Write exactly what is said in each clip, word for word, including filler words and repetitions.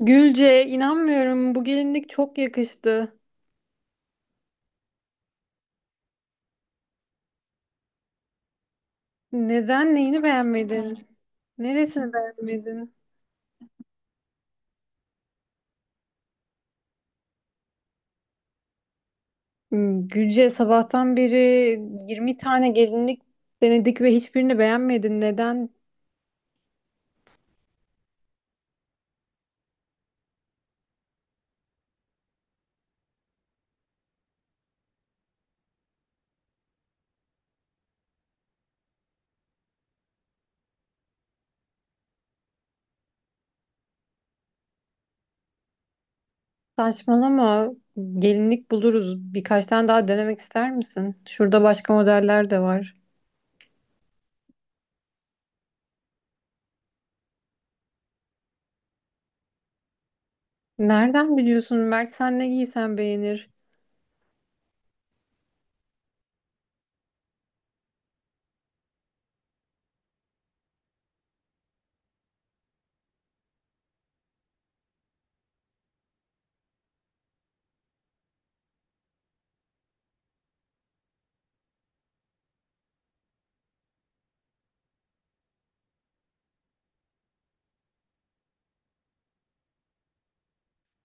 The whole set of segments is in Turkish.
Gülce, inanmıyorum. Bu gelinlik çok yakıştı. Neden neyini beğenmedin? Neresini beğenmedin? Hmm, Gülce, sabahtan beri yirmi tane gelinlik denedik ve hiçbirini beğenmedin. Neden? Saçmalama. Gelinlik buluruz. Birkaç tane daha denemek ister misin? Şurada başka modeller de var. Nereden biliyorsun? Mert sen ne giysen beğenir.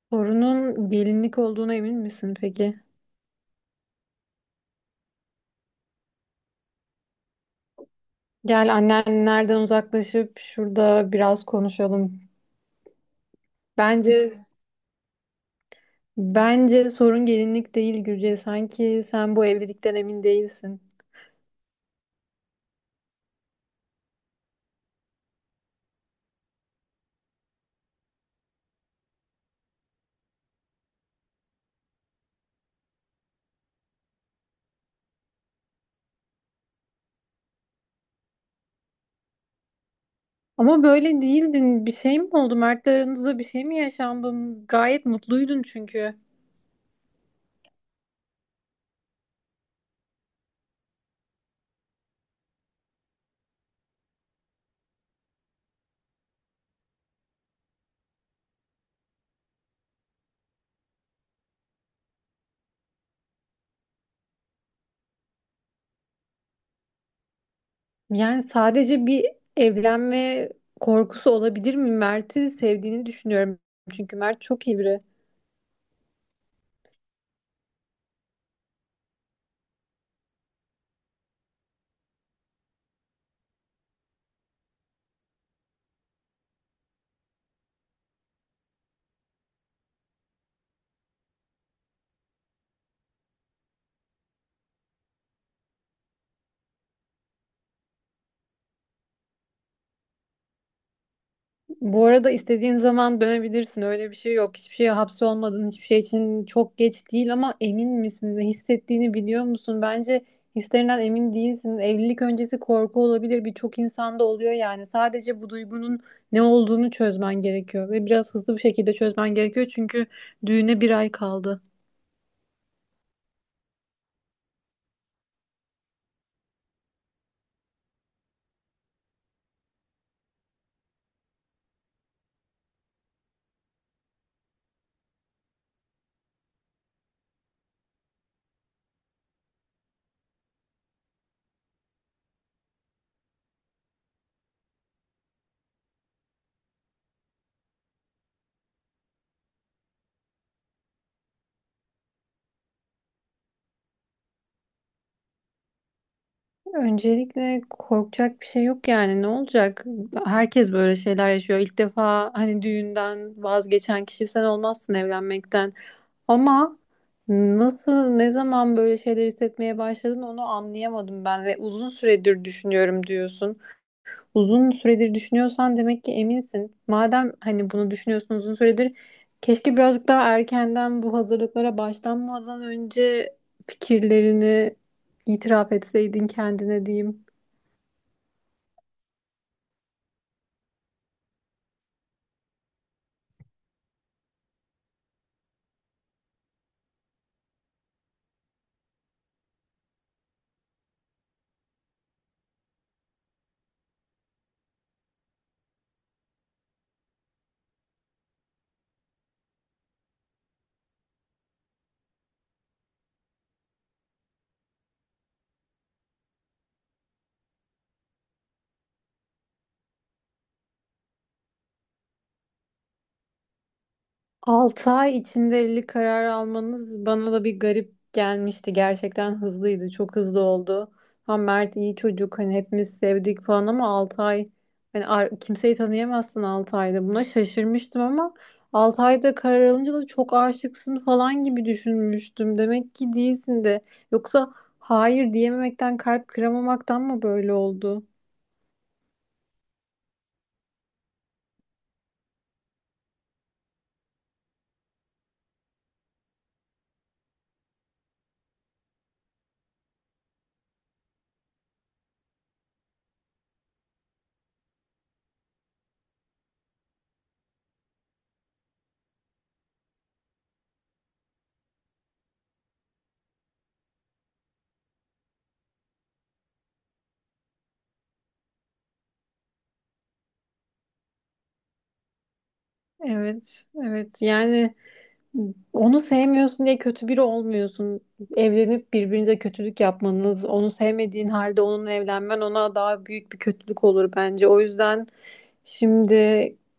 Sorunun gelinlik olduğuna emin misin peki? Gel annenlerden uzaklaşıp şurada biraz konuşalım. Bence bence sorun gelinlik değil Gürce. Sanki sen bu evlilikten emin değilsin. Ama böyle değildin. Bir şey mi oldu? Mert'le aranızda bir şey mi yaşandın? Gayet mutluydun çünkü. Yani sadece bir evlenme korkusu olabilir mi? Mert'i sevdiğini düşünüyorum. Çünkü Mert çok iyi biri. Bu arada istediğin zaman dönebilirsin. Öyle bir şey yok. Hiçbir şeye hapsolmadın. Hiçbir şey için çok geç değil ama emin misin? Ne hissettiğini biliyor musun? Bence hislerinden emin değilsin. Evlilik öncesi korku olabilir. Birçok insanda oluyor yani. Sadece bu duygunun ne olduğunu çözmen gerekiyor ve biraz hızlı bir şekilde çözmen gerekiyor çünkü düğüne bir ay kaldı. Öncelikle korkacak bir şey yok yani ne olacak? Herkes böyle şeyler yaşıyor. İlk defa hani düğünden vazgeçen kişi sen olmazsın evlenmekten. Ama nasıl, ne zaman böyle şeyler hissetmeye başladın onu anlayamadım ben ve uzun süredir düşünüyorum diyorsun. Uzun süredir düşünüyorsan demek ki eminsin. Madem hani bunu düşünüyorsun uzun süredir, keşke birazcık daha erkenden bu hazırlıklara başlanmadan önce fikirlerini itiraf etseydin kendine diyeyim. altı ay içinde evlilik kararı almanız bana da bir garip gelmişti. Gerçekten hızlıydı. Çok hızlı oldu. Ha Mert iyi çocuk. Hani hepimiz sevdik falan ama altı ay hani ar- kimseyi tanıyamazsın altı ayda. Buna şaşırmıştım ama altı ayda karar alınca da çok aşıksın falan gibi düşünmüştüm. Demek ki değilsin de. Yoksa hayır diyememekten, kalp kıramamaktan mı böyle oldu? Evet, evet. Yani onu sevmiyorsun diye kötü biri olmuyorsun. Evlenip birbirinize kötülük yapmanız, onu sevmediğin halde onunla evlenmen ona daha büyük bir kötülük olur bence. O yüzden şimdi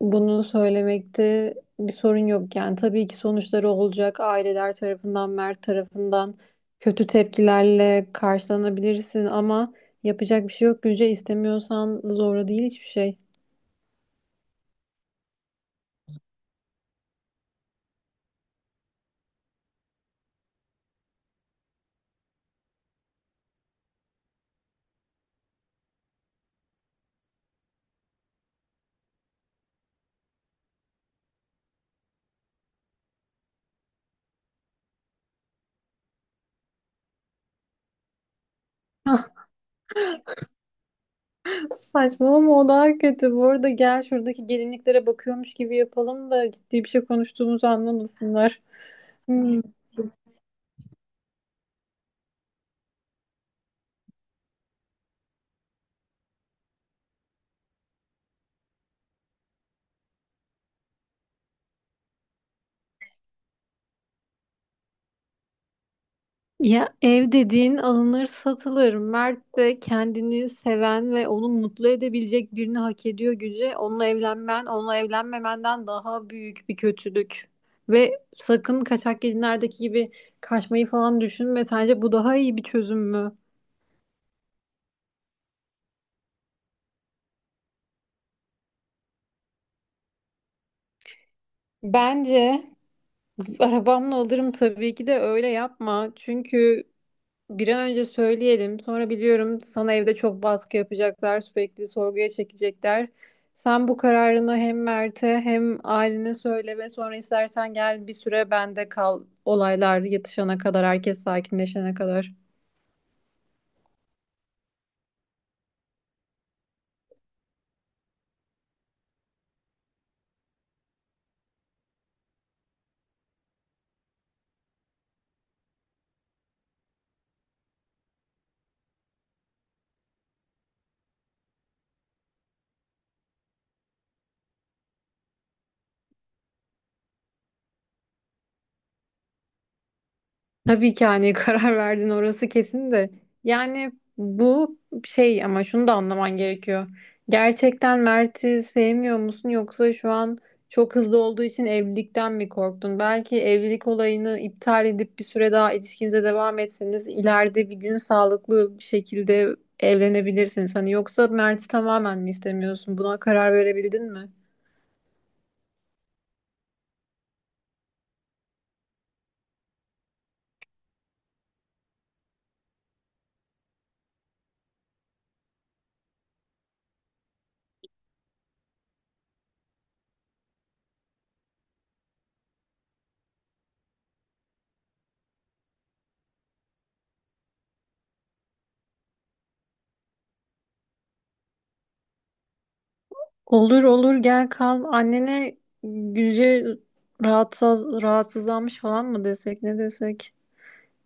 bunu söylemekte bir sorun yok. Yani tabii ki sonuçları olacak. Aileler tarafından, Mert tarafından kötü tepkilerle karşılanabilirsin ama yapacak bir şey yok. Gülce istemiyorsan zorla değil hiçbir şey. Saçmalama o daha kötü. Bu arada gel şuradaki gelinliklere bakıyormuş gibi yapalım da ciddi bir şey konuştuğumuzu anlamasınlar. Hmm. Ya ev dediğin alınır satılır. Mert de kendini seven ve onu mutlu edebilecek birini hak ediyor Güce. Onunla evlenmen, onunla evlenmemenden daha büyük bir kötülük. Ve sakın kaçak gelinlerdeki gibi kaçmayı falan düşünme. Sence bu daha iyi bir çözüm mü? Bence arabamla alırım tabii ki de öyle yapma. Çünkü bir an önce söyleyelim. Sonra biliyorum sana evde çok baskı yapacaklar, sürekli sorguya çekecekler. Sen bu kararını hem Mert'e hem ailene söyle ve sonra istersen gel bir süre bende kal. Olaylar yatışana kadar, herkes sakinleşene kadar. Tabii ki hani karar verdin orası kesin de. Yani bu şey ama şunu da anlaman gerekiyor. Gerçekten Mert'i sevmiyor musun yoksa şu an çok hızlı olduğu için evlilikten mi korktun? Belki evlilik olayını iptal edip bir süre daha ilişkinize devam etseniz ileride bir gün sağlıklı bir şekilde evlenebilirsiniz. Hani yoksa Mert'i tamamen mi istemiyorsun? Buna karar verebildin mi? Olur olur gel kal. Annene Gülce rahatsız, rahatsızlanmış falan mı desek ne desek?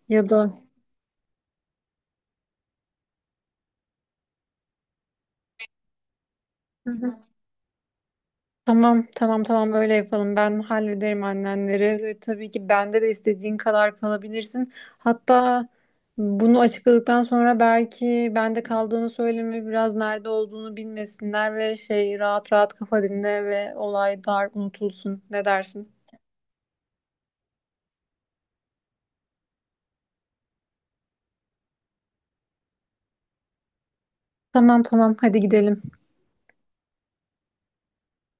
Ya da hı hı. Tamam tamam tamam öyle yapalım. Ben hallederim annenleri. Ve tabii ki bende de istediğin kadar kalabilirsin. Hatta bunu açıkladıktan sonra belki bende kaldığını söyleme biraz nerede olduğunu bilmesinler ve şey rahat rahat kafa dinle ve olay dar unutulsun. Ne dersin? Tamam tamam hadi gidelim.